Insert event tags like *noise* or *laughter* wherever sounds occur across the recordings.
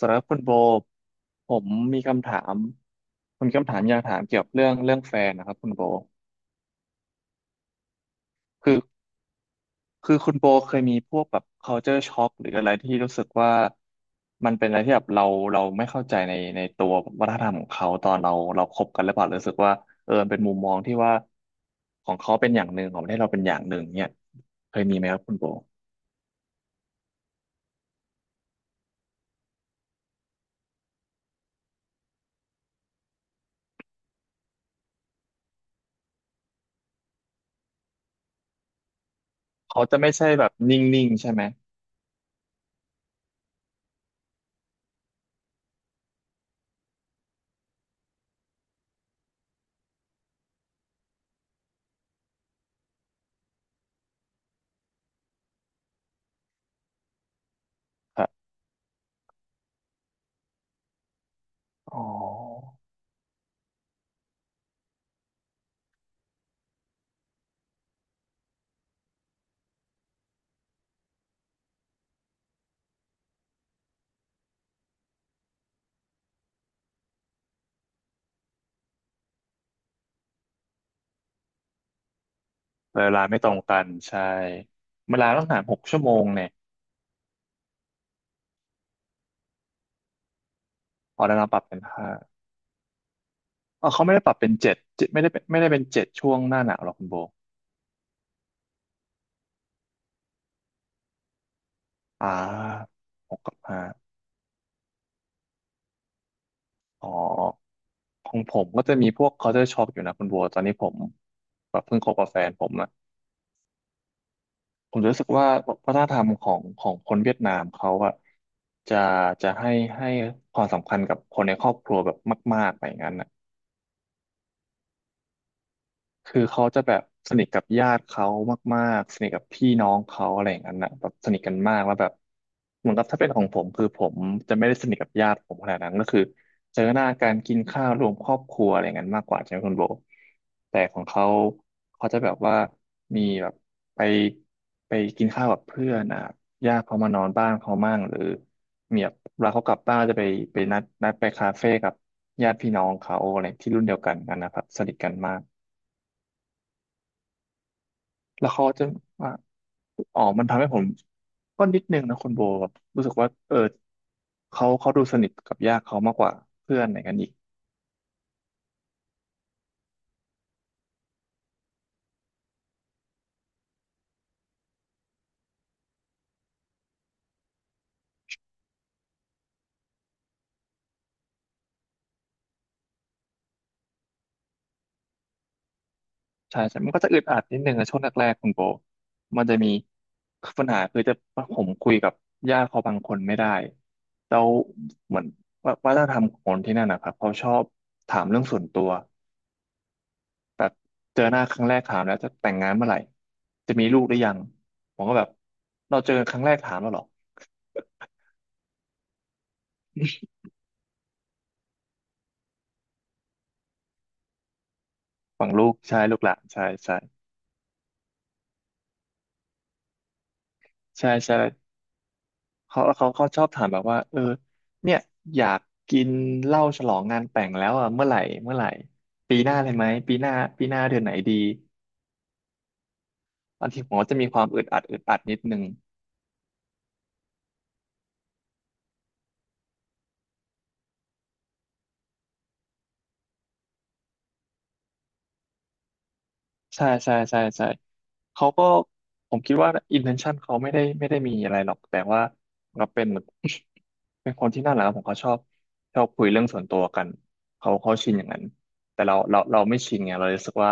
สำหรับคุณโบผมมีคำถามมีคำถามอยากถามเกี่ยวกับเรื่องแฟนนะครับคุณโบคือคือคุณโบเคยมีพวกแบบ culture shock หรืออะไรที่รู้สึกว่ามันเป็นอะไรที่แบบเราไม่เข้าใจในตัววัฒนธรรมของเขาตอนเราคบกันหรือเปล่าหรือรู้สึกว่าเออมันเป็นมุมมองที่ว่าของเขาเป็นอย่างหนึ่งของประเทศเราเป็นอย่างหนึ่งเนี่ยเคยมีไหมครับคุณโบเขาจะไม่ใช่แบบนิ่งๆใช่ไหมครับอ๋อ เวลาไม่ตรงกันใช่เวลาต้องหารหกชั่วโมงเนี่ยพอแล้วเราปรับเป็นห้าอ๋อเขาไม่ได้ปรับเป็นเจ็ดไม่ได้เป็นเจ็ดช่วงหน้าหนาวหรอกคุณโบอ่าหกกับห้าอ๋อของผมก็จะมีพวก culture shock อยู่นะคุณโบตอนนี้ผมแบบเพิ่งคบกับแฟนผมอะผมรู้สึกว่าวัฒนธรรมของคนเวียดนามเขาอะจะจะให้ให้ความสำคัญกับคนในครอบครัวแบบมากๆไปอย่างนั้นอะ คือเขาจะแบบสนิทกับญาติเขามากๆสนิทกับพี่น้องเขาอะไรอย่างนั้นนะแบบสนิทกันมากแล้วแบบเหมือนกับถ้าเป็นของผมคือผมจะไม่ได้สนิทกับญาติผมขนาดนั้นก็คือเจอหน้าการกินข้าวรวมครอบครัวอะไรอย่างนั้นมากกว่าใช่ไหมคุณโบแต่ของเขาเขาจะแบบว่ามีแบบไปไปกินข้าวกับเพื่อนอ่ะญาติเขามานอนบ้านเขามั่งหรือเมียบเวลาเขากลับบ้านจะไปนัดไปคาเฟ่กับญาติพี่น้องเขาอะไรที่รุ่นเดียวกันนะครับสนิทกันมาก แล้วเขาจะว่าอ๋อมันทำให้ผมก็นิดนึงนะคุณโบแบบรู้สึกว่าเออเขาดูสนิทกับญาติเขามากกว่าเพื่อนอะไรกันอีกใช่ใช่มันก็จะอึดอัดนิดนึงในช่วงแรกๆคุณโบมันจะมีปัญหาคือจะผมคุยกับญาติเขาบางคนไม่ได้แล้วเหมือนว่าวัฒนธรรมของคนที่นั่นนะครับเขาชอบถามเรื่องส่วนตัวแบบเจอหน้าครั้งแรกถามแล้วจะแต่งงานเมื่อไหร่จะมีลูกหรือยังผมก็แบบเราเจอกันครั้งแรกถามแล้วเหรอ ฝั่งลูกใช่ลูกหลานใช่ใช่เขาชอบถามแบบว่าเออเนี่ยอยากกินเหล้าฉลองงานแต่งแล้วอ่ะเมื่อไหร่ปีหน้าเลยไหมปีหน้าเดือนไหนดีบางทีผมก็จะมีความอึดอัดนิดนึง ใช่เขาก็ผมคิดว่า intention เขาไม่ได้มีอะไรหรอกแต่ว่าก็เป็นเหมือน *laughs* เป็นคนที่น่ารักผมเขาชอบคุยเรื่องส่วนตัวกันเขาชินอย่างนั้นแต่เราไม่ชินไงเราเลยรู้สึกว่า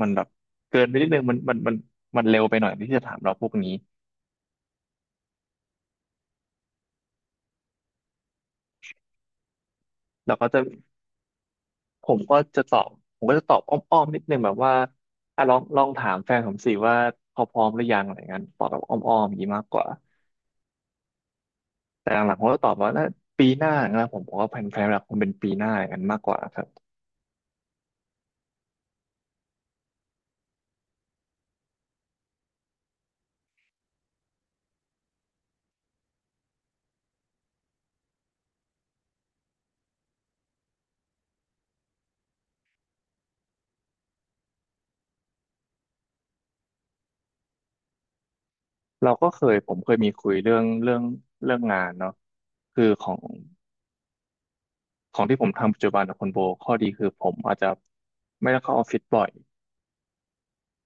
มันแบบเกินไปนิดนึงมันเร็วไปหน่อยที่จะถามเราพวกนี้เราก็จะผมก็จะตอบผมก็จะตอบอ้อมๆนิดนึงแบบว่าอ่ะลองถามแฟนผมสิว่าเขาพร้อมหรือยังอะไรเงี้ยตอบแบบอ้อมๆอย่างนี้มากกว่า แต่หลังๆผมก็ตอบว่าน่าปีหน้านะผมบอกว่าแผนหลักคงเป็นปีหน้ากงันมากกว่าครับเราก็เคยผมเคยมีคุยเรื่องงานเนาะคือของที่ผมทำปัจจุบันกับคุณโบข้อดีคือผมอาจจะไม่ต้องเข้าออฟฟิศบ่อย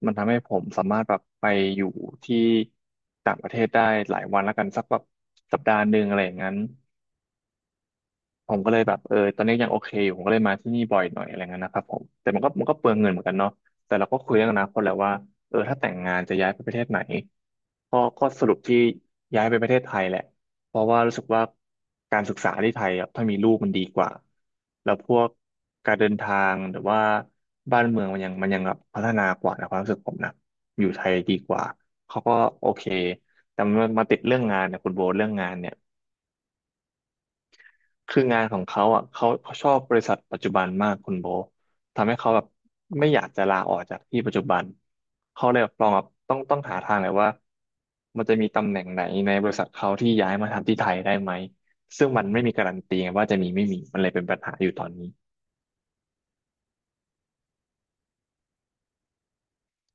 มันทำให้ผมสามารถแบบไปอยู่ที่ต่างประเทศได้หลายวันแล้วกันสักแบบสัปดาห์หนึ่งอะไรอย่างนั้น ผมก็เลยแบบเออตอนนี้ยังโอเคอยู่ผมก็เลยมาที่นี่บ่อยหน่อยอะไรเงี้ยนะครับผมแต่มันก็เปลืองเงินเหมือนกันเนาะแต่เราก็คุยเรื่องอนาคตแล้วว่าเออถ้าแต่งงานจะย้ายไปประเทศไหนก็สรุปที่ย้ายไปประเทศไทยแหละเพราะว่ารู้สึกว่าการศึกษาที่ไทยอะถ้ามีลูกมันดีกว่าแล้วพวกการเดินทางหรือว่าบ้านเมืองมันยังแบบพัฒนากว่านะความรู้สึกผมนะอยู่ไทยดีกว่าเขาก็โอเคแต่มันมาติดเรื่องงานเนี่ย คืองานของเขาอ่ะเขาชอบบริษัทปัจจุบันมากคุณโบทำให้เขาแบบไม่อยากจะลาออกจากที่ปัจจุบันเขาเลยแบบลองแบบต้องหาทางเลยว่ามันจะมีตำแหน่งไหนในบริษัทเขาที่ย้ายมาทำที่ไทยได้ไหมซึ่งมันไม่มีการันตีไงว่าจะมีไม่มีมันเลยเป็นปัญหาอยู่ตอนนี้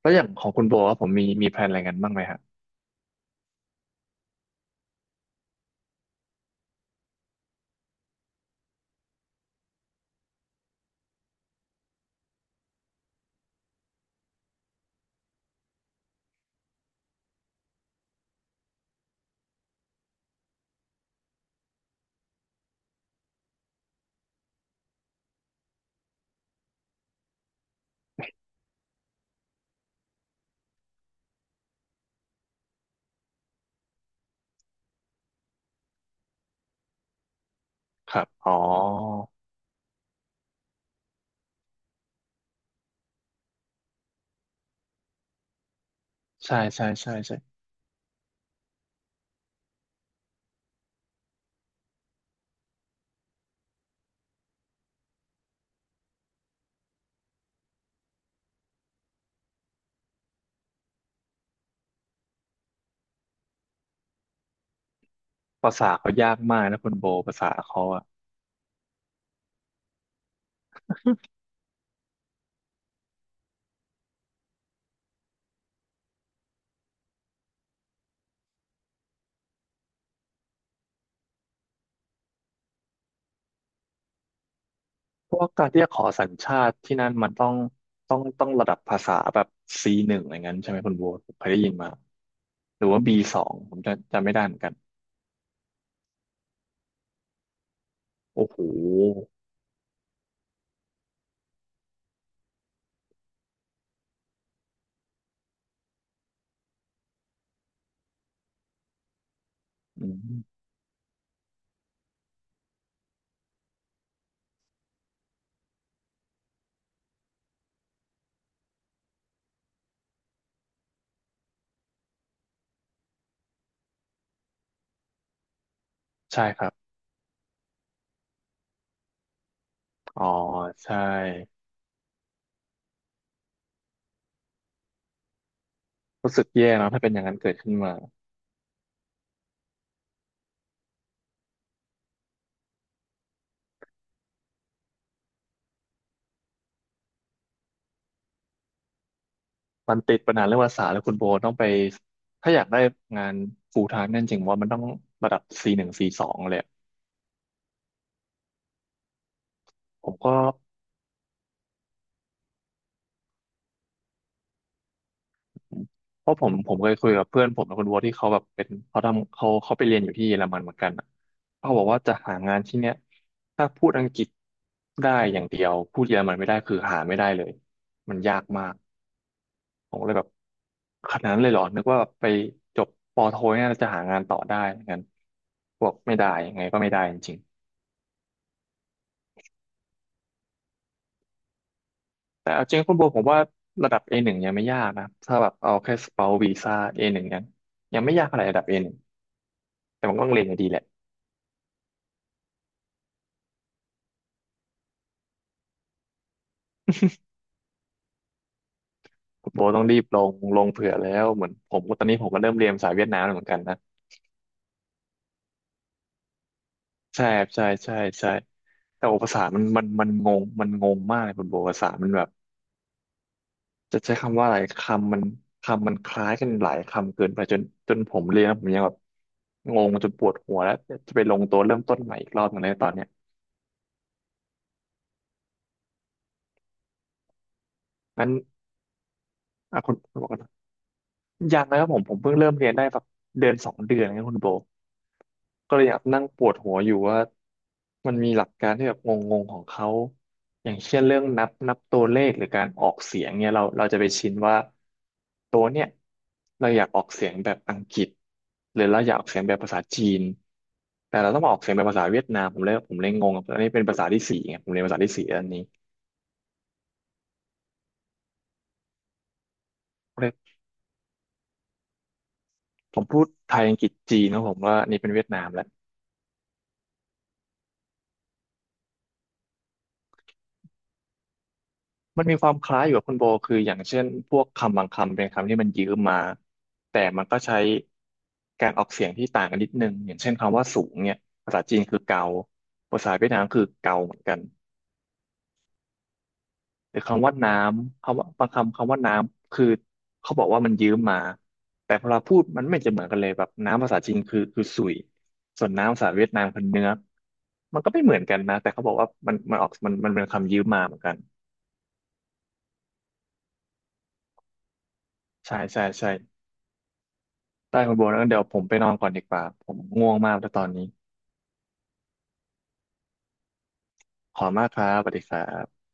แล้วอย่างของคุณโบครับผมมีแพลนอะไรกันบ้างไหมครับครับอ๋อใช่ใช่ใช่ใช่ภาษาเขายากมากนะคุณโบภาษาเขาอะ พวกการที่จะขอสัญชาติที่นั่นมันต้องระดับภาษาแบบ C1 อะไรเงั้นใช่ไหมคุณโบทผมเคยได้ยินมาหรือว่า B2 ผมจะจำไม่ได้เหมือนกันโอ้โหอืมใช่ครับอ๋อใช่รู้สึกแย่เนอะถ้าเป็นอย่างนั้นเกิดขึ้นมามันติดปัญหาเรื่องภาษาแล้วคุณโบทต้องไปถ้าอยากได้งาน full time นั่นจริงว่ามันต้องระดับ C1 c งซีสองเลยอะผมก็ เพราะผมเคยคุยกับเพื่อนผมนะคุณวัวที่เขาแบบเป็นเขาทำเขาไปเรียนอยู่ที่เยอรมันเหมือนกันอะเขาบอกว่าจะหางานที่เนี้ยถ้าพูดอังกฤษได้อย่างเดียวพูดเยอรมันไม่ได้คือหาไม่ได้เลยมันยากมากผมก็เลยแบบขนาดนั้นเลยเหรอนึกว่าแบบไปจบปอโทเนี่ยเราจะหางานต่อได้งั้นบอกไม่ได้ยังไงก็ไม่ได้จริงๆแต่เอาจริงคุณโบัวผมว่าระดับ A1 ยังไม่ยากนะถ้าแบบเอาแค่สเปาวีซ่า A1 กันงยังไม่ยากอะไรระดับ A1 แต่มันก็ต้องเรียนให้ดีแหละ คุณโบต้องรีบลงเผื่อแล้วเหมือนผมก็ตอนนี้ผมก็เริ่มเรียนภาษาเวียดนามแล้วเหมือนกันนะใช่ครับใช่ใช่ใช่แต่โอภาษามันงงมันงงมากเลยคุณโบภาษามันแบบจะใช้คำว่าอะไรคำมันคำมันคล้ายกันหลายคำเกินไปจนผมเรียนแล้วผมยังแบบงงจนปวดหัวแล้วจะไปลงตัวเริ่มต้นใหม่อีกรอบหนึงเลยตอนเนี้ยงั้นอ่ะคุณ ยังนะครับผมเพิ่งเริ่มเรียนได้แบบเดือนสองเดือนนะครับคุณโบก็เลยอยากนั่งปวดหัวอยู่ว่ามันมีหลักการที่แบบงงๆของเขาอย่างเช่นเรื่องนับตัวเลขหรือการออกเสียงเนี่ยเราจะไปชินว่าตัวเนี่ยเราอยากออกเสียงแบบอังกฤษหรือเราอยากออกเสียงแบบภาษาจีนแต่เราต้องมาออกเสียงแบบภาษาเวียดนามผมเลยงงอันนี้เป็นภาษาที่สี่ไงผมเรียนภาษาที่สี่อันนี้ผมพูดไทยอังกฤษจีนนะผมว่าอันนี้เป็นเวียดนามแล้ว มันมีความคล้ายอยู่กับคุณโบคืออย่างเช่นพวกคำบางคำเป็นคำที่มันยืมมาแต่มันก็ใช้การออกเสียงที่ต่างกันนิดนึงอย่างเช่นคำว่าสูงเนี่ยภาษาจีนคือเกาภาษาเวียดนามคือเกาเหมือนกันหรือคำว่าน้ำคำว่าบางคำคำว่าน้ำคือเขาบอกว่ามันยืมมาแต่พอเราพูดมันไม่จะเหมือนกันเลยแบบน้ำภาษาจีนคือสุยส่วนน้ำภาษาเวียดนามคือเนื้อกมันก็ไม่เหมือนกันนะแต่เขาบอกว่ามันออกมันเป็นคำยืมมาเหมือนกันใช่ใช่ใช่ ได้คุณโบนะงั้นเดี๋ยวผมไปนอนก่อนดีกว่าผมง่วงมากแล้วตอนนี้ขอบคุณมากครับสวัสดีครับ